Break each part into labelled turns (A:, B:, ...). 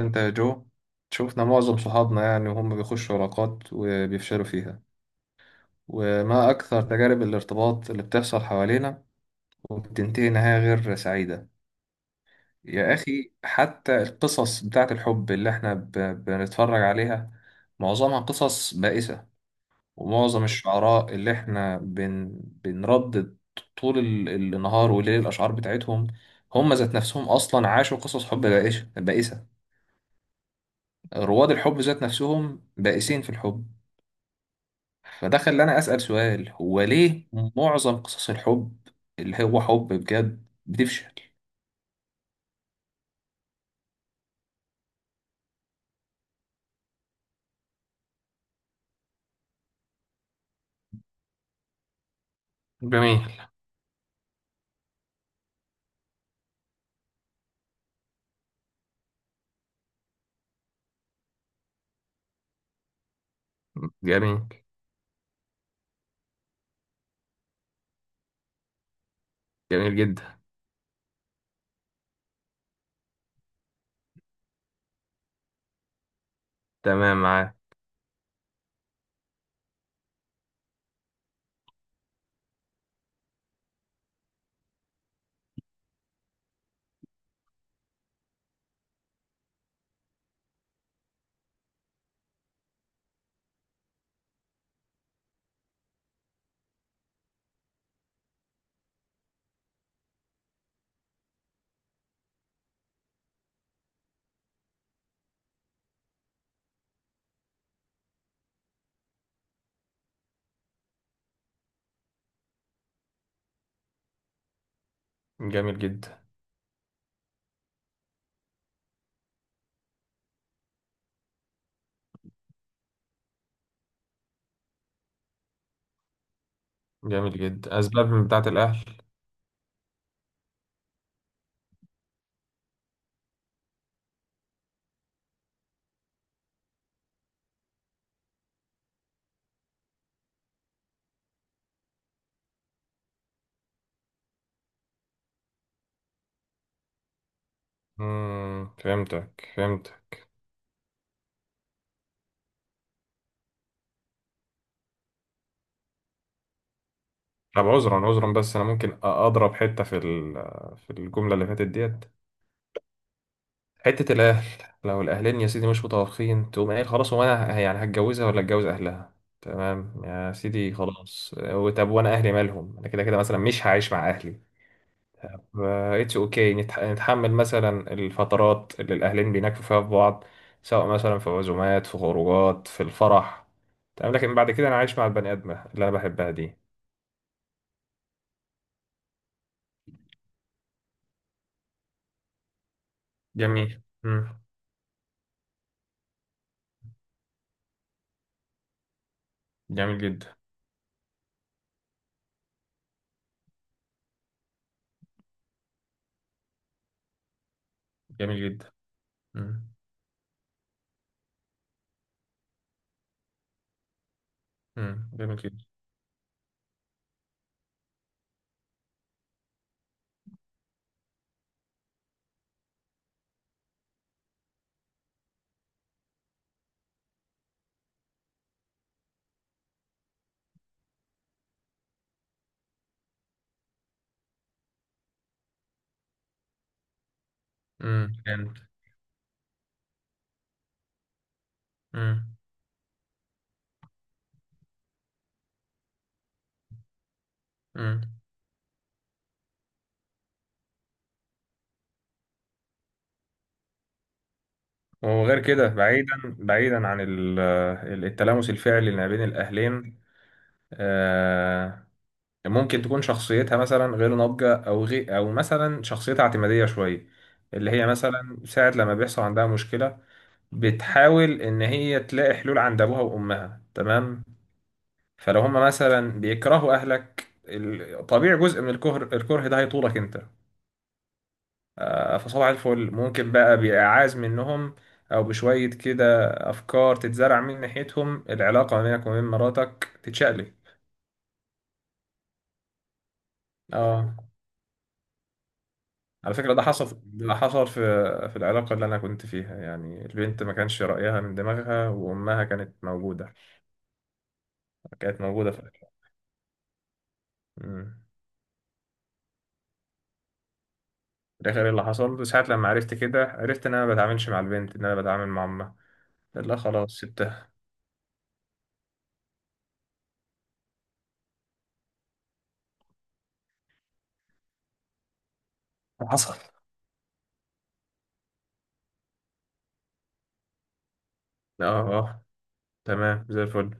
A: انت يا جو. شفنا معظم صحابنا يعني وهم بيخشوا علاقات وبيفشلوا فيها. وما أكثر تجارب الارتباط اللي بتحصل حوالينا وبتنتهي نهاية غير سعيدة. يا أخي، حتى القصص بتاعة الحب اللي احنا بنتفرج عليها معظمها قصص بائسة. ومعظم الشعراء اللي احنا بنردد طول النهار والليل الأشعار بتاعتهم، هم ذات نفسهم أصلا عاشوا قصص حب بائسة بائسة. رواد الحب ذات نفسهم بائسين في الحب. فده خلاني أسأل سؤال، هو ليه معظم قصص الحب اللي هو حب بجد بتفشل؟ جميل. جميل. جميل جدا. تمام معاه. جميل جدا. جميل جدا، أسباب من بتاعة الأهل؟ مم. فهمتك، فهمتك. طب عذرا، عذرا، بس أنا ممكن أضرب حتة في في الجملة اللي فاتت ديت. حتة الأهل، لو الأهلين يا سيدي مش متوافقين تقوم قايل خلاص، هو أنا يعني هتجوزها ولا أتجوز أهلها؟ تمام يا سيدي، خلاص آه، طب وأنا أهلي مالهم؟ أنا كده كده مثلا مش هعيش مع أهلي. اتس أوكي، نتحمل مثلا الفترات اللي الأهلين بيناكفوا فيها في بعض، سواء مثلا في عزومات، في خروجات، في الفرح. تمام، لكن بعد كده أنا عايش مع البني آدمة اللي أنا بحبها دي. جميل. مم. جميل جدا. جميل جدا. مم. مم. جميل جدا. مم. فهمت. مم. مم. وغير كده، بعيدا بعيدا عن التلامس الفعلي اللي ما بين الاهلين، آه، ممكن تكون شخصيتها مثلا غير ناضجه او مثلا شخصيتها اعتماديه شويه، اللي هي مثلا ساعه لما بيحصل عندها مشكله بتحاول ان هي تلاقي حلول عند ابوها وامها. تمام، فلو هما مثلا بيكرهوا اهلك، طبيعي جزء من الكره ده هيطولك انت. آه، فصباح الفل ممكن بقى بإعاز منهم، أو بشوية كده أفكار تتزرع من ناحيتهم، العلاقة ما بينك وبين مراتك تتشقلب. اه، على فكرة ده حصل، ده حصل في العلاقة اللي أنا كنت فيها، يعني البنت ما كانش رأيها من دماغها وأمها كانت موجودة. كانت موجودة في الآخر. مم. في الآخر إيه اللي حصل؟ بس ساعة لما عرفت كده، عرفت إن أنا ما بتعاملش مع البنت، إن أنا بتعامل مع أمها. لا، خلاص، سبتها. حصل. اه. اه. تمام زي الفل.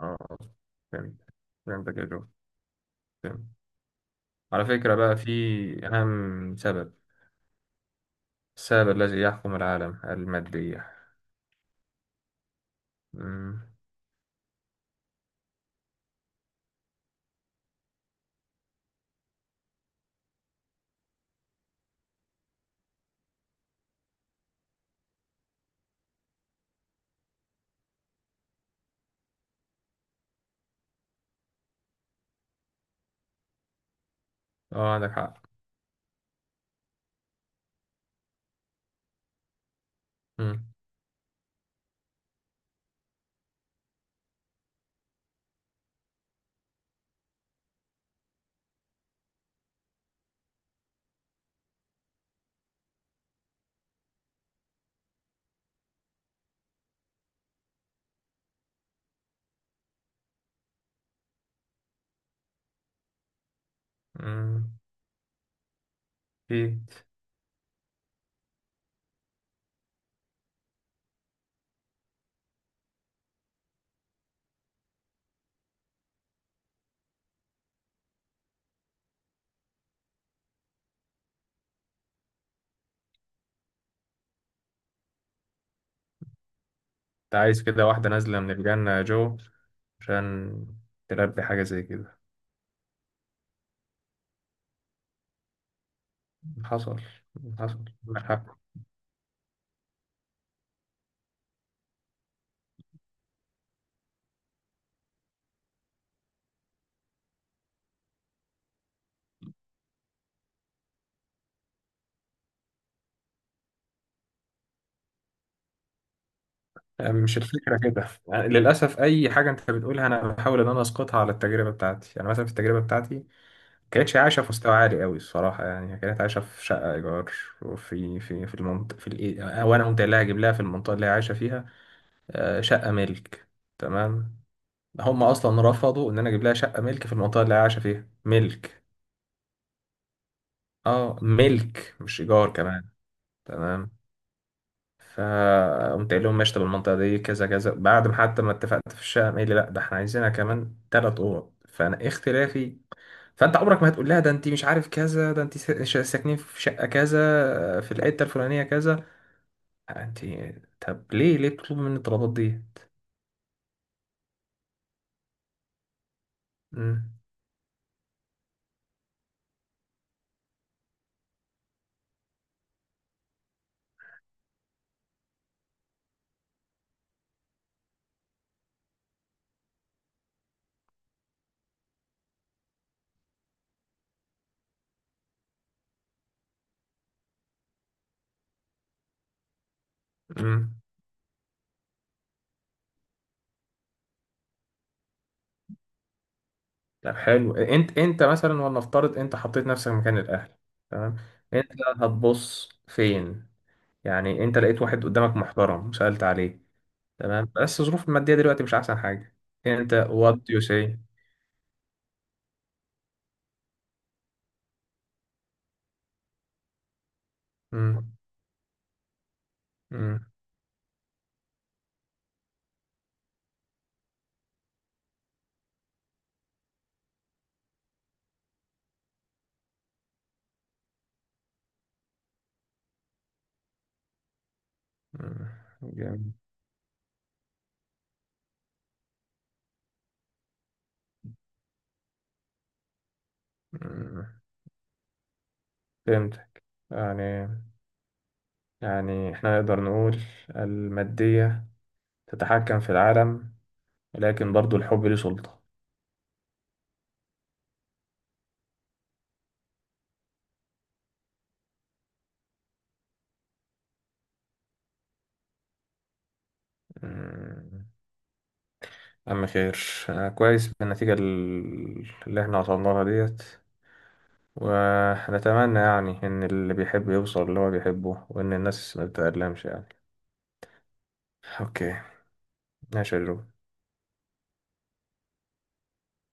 A: اه. فهمت. فهمتك يا جو. فهمت. على فكرة بقى، في أهم سبب، السبب الذي يحكم العالم، المادية. أمم. اه، عندك حق. أمم. أمم. في. أنت عايز كده واحدة نازلة من الجنة يا جو، عشان تلبي حاجة زي كده. حصل. حصل. عندك حق. مش الفكرة كده، يعني للأسف أي حاجة أنت بتقولها أنا بحاول إن أنا أسقطها على التجربة بتاعتي. يعني مثلا في التجربة بتاعتي، كانتش عايشة في مستوى عالي قوي الصراحة، يعني هي كانت عايشة في شقة إيجار، وفي في في المنطقة في الإيه، وأنا قمت قايل لها أجيب لها في المنطقة اللي هي عايشة فيها آه، شقة ملك. تمام. هم أصلا رفضوا إن أنا أجيب لها شقة ملك في المنطقة اللي هي عايشة فيها، ملك. أه، ملك مش إيجار كمان. تمام. فقمت قايل لهم ماشي، طب المنطقة دي كذا كذا، بعد ما حتى ما اتفقت في الشقة قايل لي لأ، ده إحنا عايزينها كمان تلات أوض، فأنا اختلافي. فانت عمرك ما هتقول لها ده انت مش عارف كذا، ده انت ساكنين في شقه كذا في الحته الفلانيه كذا. انت، طب ليه بتطلبوا مني الطلبات دي؟ امم. امم. طب حلو، انت مثلا ولنفترض انت حطيت نفسك مكان الاهل. تمام. انت هتبص فين؟ يعني انت لقيت واحد قدامك محترم وسالت عليه، تمام، بس الظروف الماديه دلوقتي مش احسن حاجه. انت، what do you say؟ امم. امم. امم، جامد. امم. فهمتك. يعني يعني احنا نقدر نقول المادية تتحكم في العالم، لكن برضو الحب ليه سلطة. أمم. أما خير، أنا كويس بالنتيجة اللي احنا وصلنا لها ديت. ونتمنى يعني إن اللي بيحب يوصل اللي هو بيحبه وإن الناس ما تتألمش يعني. أوكي. ماشي يا جو.